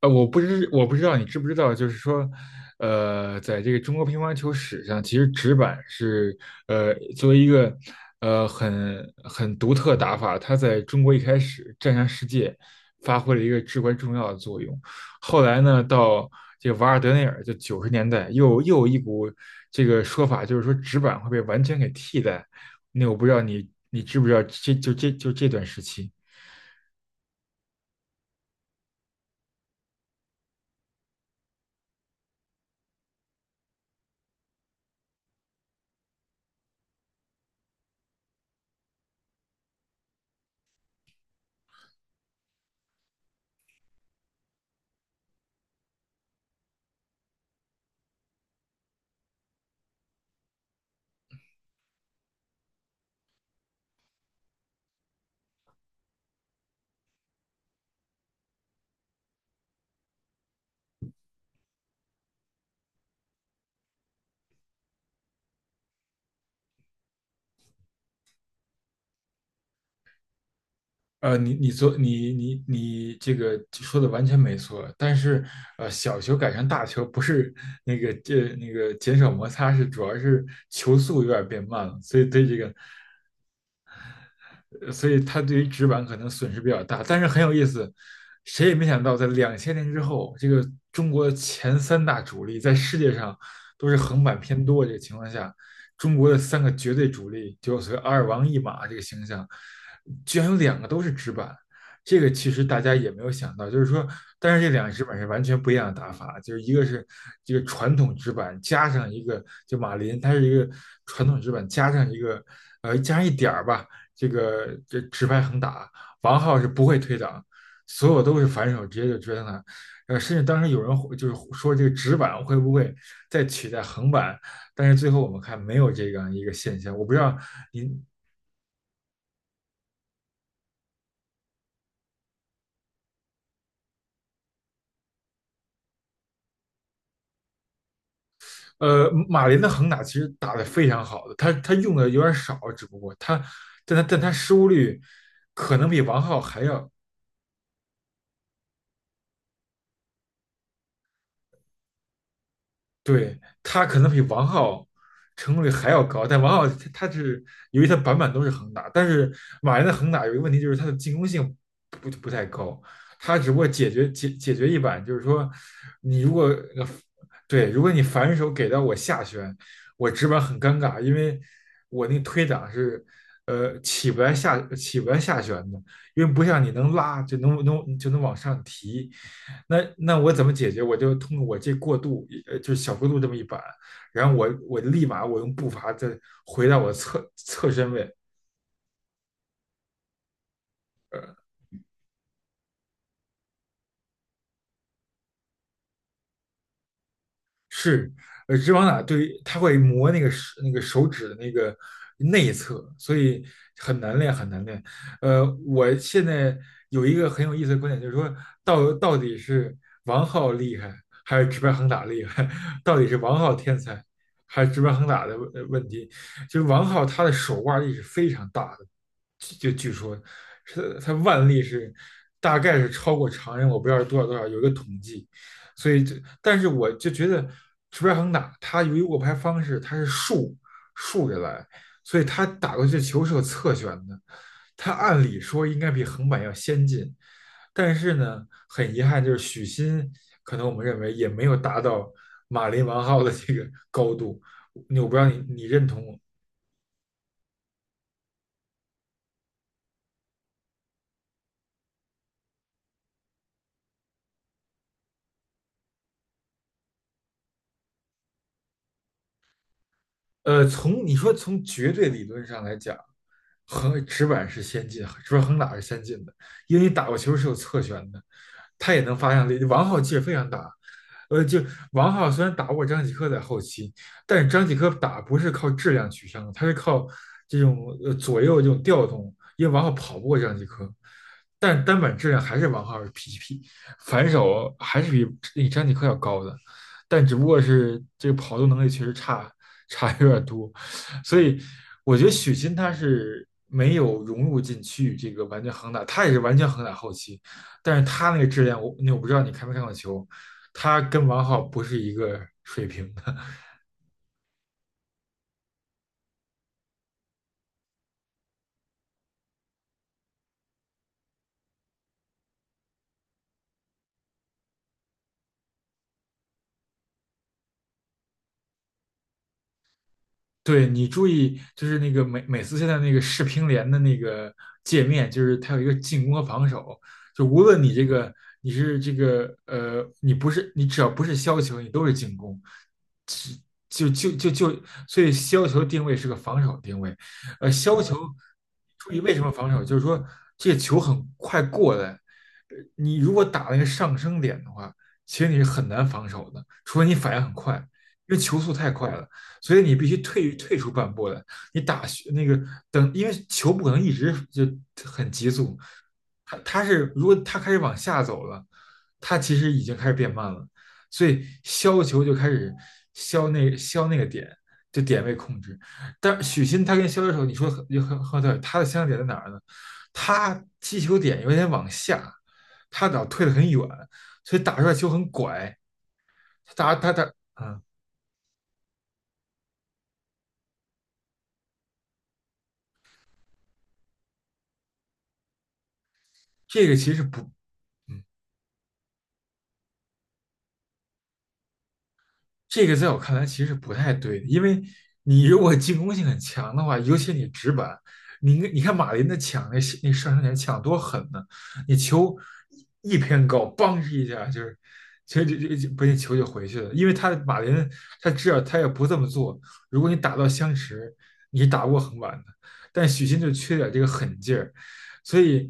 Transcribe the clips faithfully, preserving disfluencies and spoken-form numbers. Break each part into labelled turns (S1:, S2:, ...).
S1: 呃，我不知我不知道你知不知道，就是说，呃，在这个中国乒乓球史上，其实直板是呃作为一个呃很很独特打法，它在中国一开始战上世界发挥了一个至关重要的作用。后来呢，到这个瓦尔德内尔，就九十年代又又有一股这个说法，就是说直板会被完全给替代。那我不知道你你知不知道这就这就这段时期。呃，你你做你你你这个说的完全没错，但是呃，小球改成大球不是那个这、那个减少摩擦，是主要是球速有点变慢了，所以对这个呃所以它对于纸板可能损失比较大。但是很有意思，谁也没想到，在两千年之后，这个中国前三大主力在世界上都是横版偏多这个情况下，中国的三个绝对主力，就有所谓阿尔王一马这个形象，居然有两个都是纸板。这个其实大家也没有想到，就是说，但是这两个纸板是完全不一样的打法，就是一个是这个传统纸板加上一个，就马林，它是一个传统纸板加上一个，呃，加上一点儿吧，这个这直拍横打，王浩是不会推挡，所有都是反手直接就追上他。呃，甚至当时有人会就是说这个直板会不会再取代横板，但是最后我们看没有这样一个现象。我不知道您，呃，马林的横打其实打得非常好的，他他用的有点少，只不过他，但他但他失误率可能比王浩还要对，他可能比王浩成功率还要高，但王浩他他是由于他板板都是横打，但是马云的横打有一个问题就是他的进攻性不不太高，他只不过解决解解决一板，就是说你如果呃对，如果你反手给到我下旋，我直板很尴尬，因为我那个推挡是呃起不来下起不来下旋的，因为不像你能拉就能能就能往上提，那那我怎么解决？我就通过我这过渡，呃，就是小过渡这么一板，然后我我立马我用步伐再回到我侧侧身位。是，呃，直往打对于它会磨那个手那个手指的那个内侧，所以很难练，很难练。呃，我现在有一个很有意思的观点，就是说到到底是王浩厉害还是直白横打厉害？到底是王浩天才还是直白横打的问呃问题？就是王浩他的手腕力是非常大的，就据说是他腕力是大概是超过常人，我不知道是多少多少，有一个统计。所以就，但是我就觉得石标恒打他由于握拍方式他是竖竖着来，所以他打过去的球是有侧旋的，他按理说应该比横板要先进，但是呢，很遗憾就是许昕可能我们认为也没有达到马林王皓的这个高度，我不知道你你认同。呃，从你说从绝对理论上来讲，横直板是先进，直板横打是先进的，因为你打过球是有侧旋的，他也能发向力。王皓其实非常大，呃，就王皓虽然打不过张继科在后期，但是张继科打不是靠质量取胜的，他是靠这种呃左右这种调动，因为王皓跑不过张继科，但是单板质量还是王皓 G P，反手还是比比张继科要高的。但只不过是这个跑动能力确实差差有点多，所以我觉得许昕他是没有融入进去这个完全横打，他也是完全横打后期，但是他那个质量我那我不知道你看没看过球，他跟王皓不是一个水平的。对，你注意，就是那个美美斯现在那个世乒联的那个界面，就是它有一个进攻和防守，就无论你这个你是这个呃，你不是你只要不是削球，你都是进攻，只就就就就，所以削球定位是个防守定位。呃，削球注意为什么防守，就是说这个球很快过来，呃你如果打那个上升点的话，其实你是很难防守的，除非你反应很快，因为球速太快了。所以你必须退退出半步来，你打那个等，因为球不可能一直就很急速，它它是如果它开始往下走了，它其实已经开始变慢了，所以削球就开始削那削那个点，就点位控制。但许昕他跟削球手，你说很很很对，他的相像点在哪儿呢？他击球点有点往下，他老退得很远，所以打出来球很拐，他打他打嗯，这个其实不嗯。这个在我看来其实不太对的，因为你如果进攻性很强的话，尤其你直板，你应该你看马林的抢，那那上升点抢多狠呢，你球一一偏高，梆一下就是，其实就就就不，那球就回去了，因为他马林他知道他也不这么做，如果你打到相持，你打不过横板的，但许昕就缺点这个狠劲儿，所以。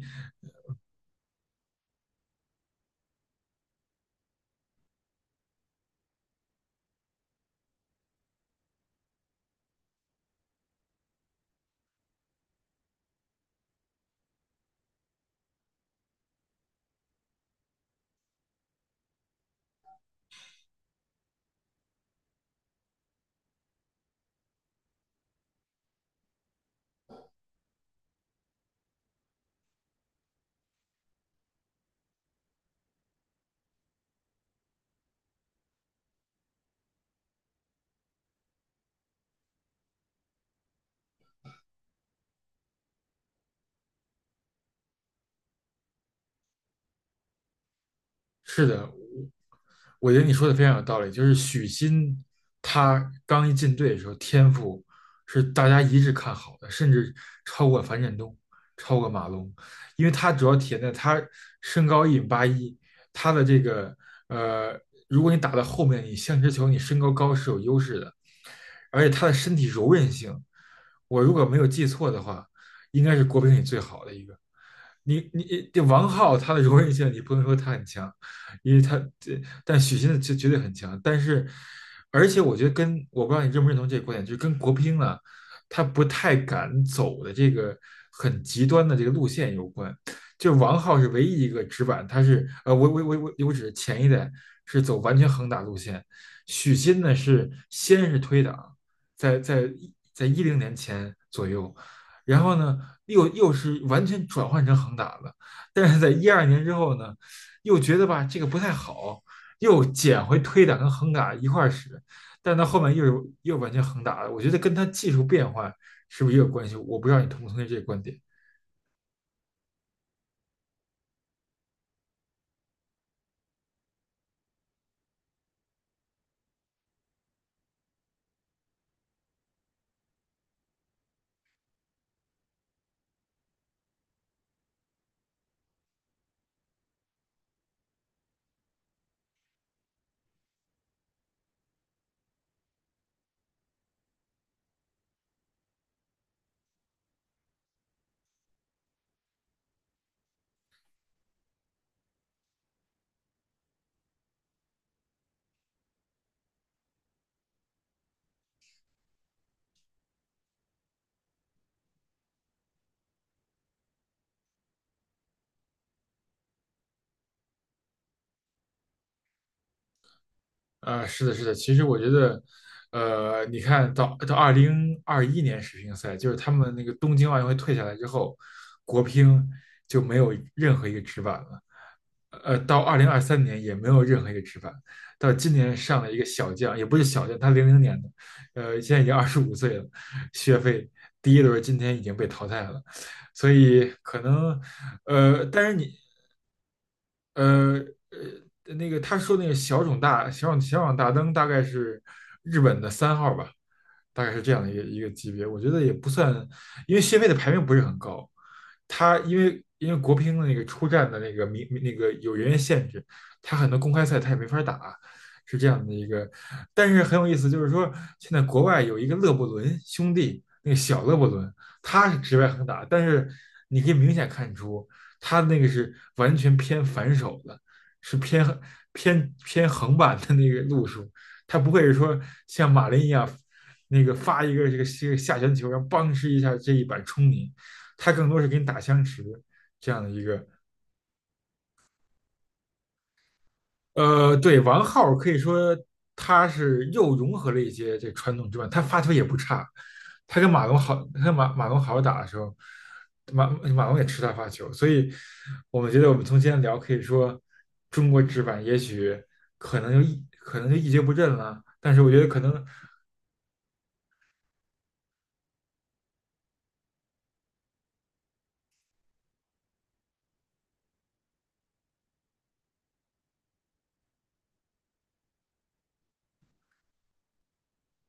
S1: 是的，我我觉得你说的非常有道理。就是许昕，他刚一进队的时候，天赋是大家一致看好的，甚至超过樊振东，超过马龙，因为他主要体现在他身高一米八一，他的这个呃，如果你打到后面，你像直球，你身高高是有优势的，而且他的身体柔韧性，我如果没有记错的话，应该是国乒里最好的一个。你你这王浩他的柔韧性，你不能说他很强，因为他这，但许昕的绝绝对很强。但是，而且我觉得跟，我不知道你认不认同这个观点，就是跟国乒啊，他不太敢走的这个很极端的这个路线有关。就王浩是唯一一个直板，他是呃，我我我我我指前一代是走完全横打路线，许昕呢是先是推挡，在在在一零年前左右，然后呢又又是完全转换成横打的，但是在一二年之后呢，又觉得吧这个不太好，又捡回推打跟横打一块儿使，但到后面又是又完全横打了，我觉得跟他技术变换是不是也有关系？我不知道你同不同意这个观点。啊，是的，是的，其实我觉得，呃，你看到到二零二一年世乒赛，就是他们那个东京奥运会退下来之后，国乒就没有任何一个直板了。呃，到二零二三年也没有任何一个直板，到今年上了一个小将，也不是小将，他零零年的，呃，现在已经二十五岁了，学费第一轮今天已经被淘汰了，所以可能，呃，但是你呃呃，那个他说那个小种大小种小种大灯大概是日本的三号吧，大概是这样的一个一个级别。我觉得也不算，因为谢飞的排名不是很高，他因为因为国乒的那个出战的那个名那个有人员限制，他很多公开赛他也没法打，是这样的一个。但是很有意思，就是说现在国外有一个勒布伦兄弟，那个小勒布伦，他是直白横打，但是你可以明显看出。他那个是完全偏反手的，是偏偏偏横版的那个路数，他不会是说像马林一样，那个发一个这个这个下旋球，然后邦哧一下这一板冲你，他更多是给你打相持这样的一个。呃，对，王浩可以说他是又融合了一些这传统之外，他发球也不差。他跟马龙好，他跟马马龙好好打的时候，马马龙也吃他发球，所以我们觉得我们从今天聊，可以说中国直板也许可能就一可能就一蹶不振了，但是我觉得可能。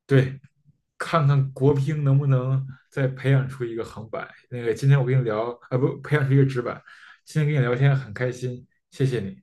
S1: 对，看看国乒能不能再培养出一个横板。那个今天我跟你聊，啊不，培养出一个直板。今天跟你聊天很开心，谢谢你。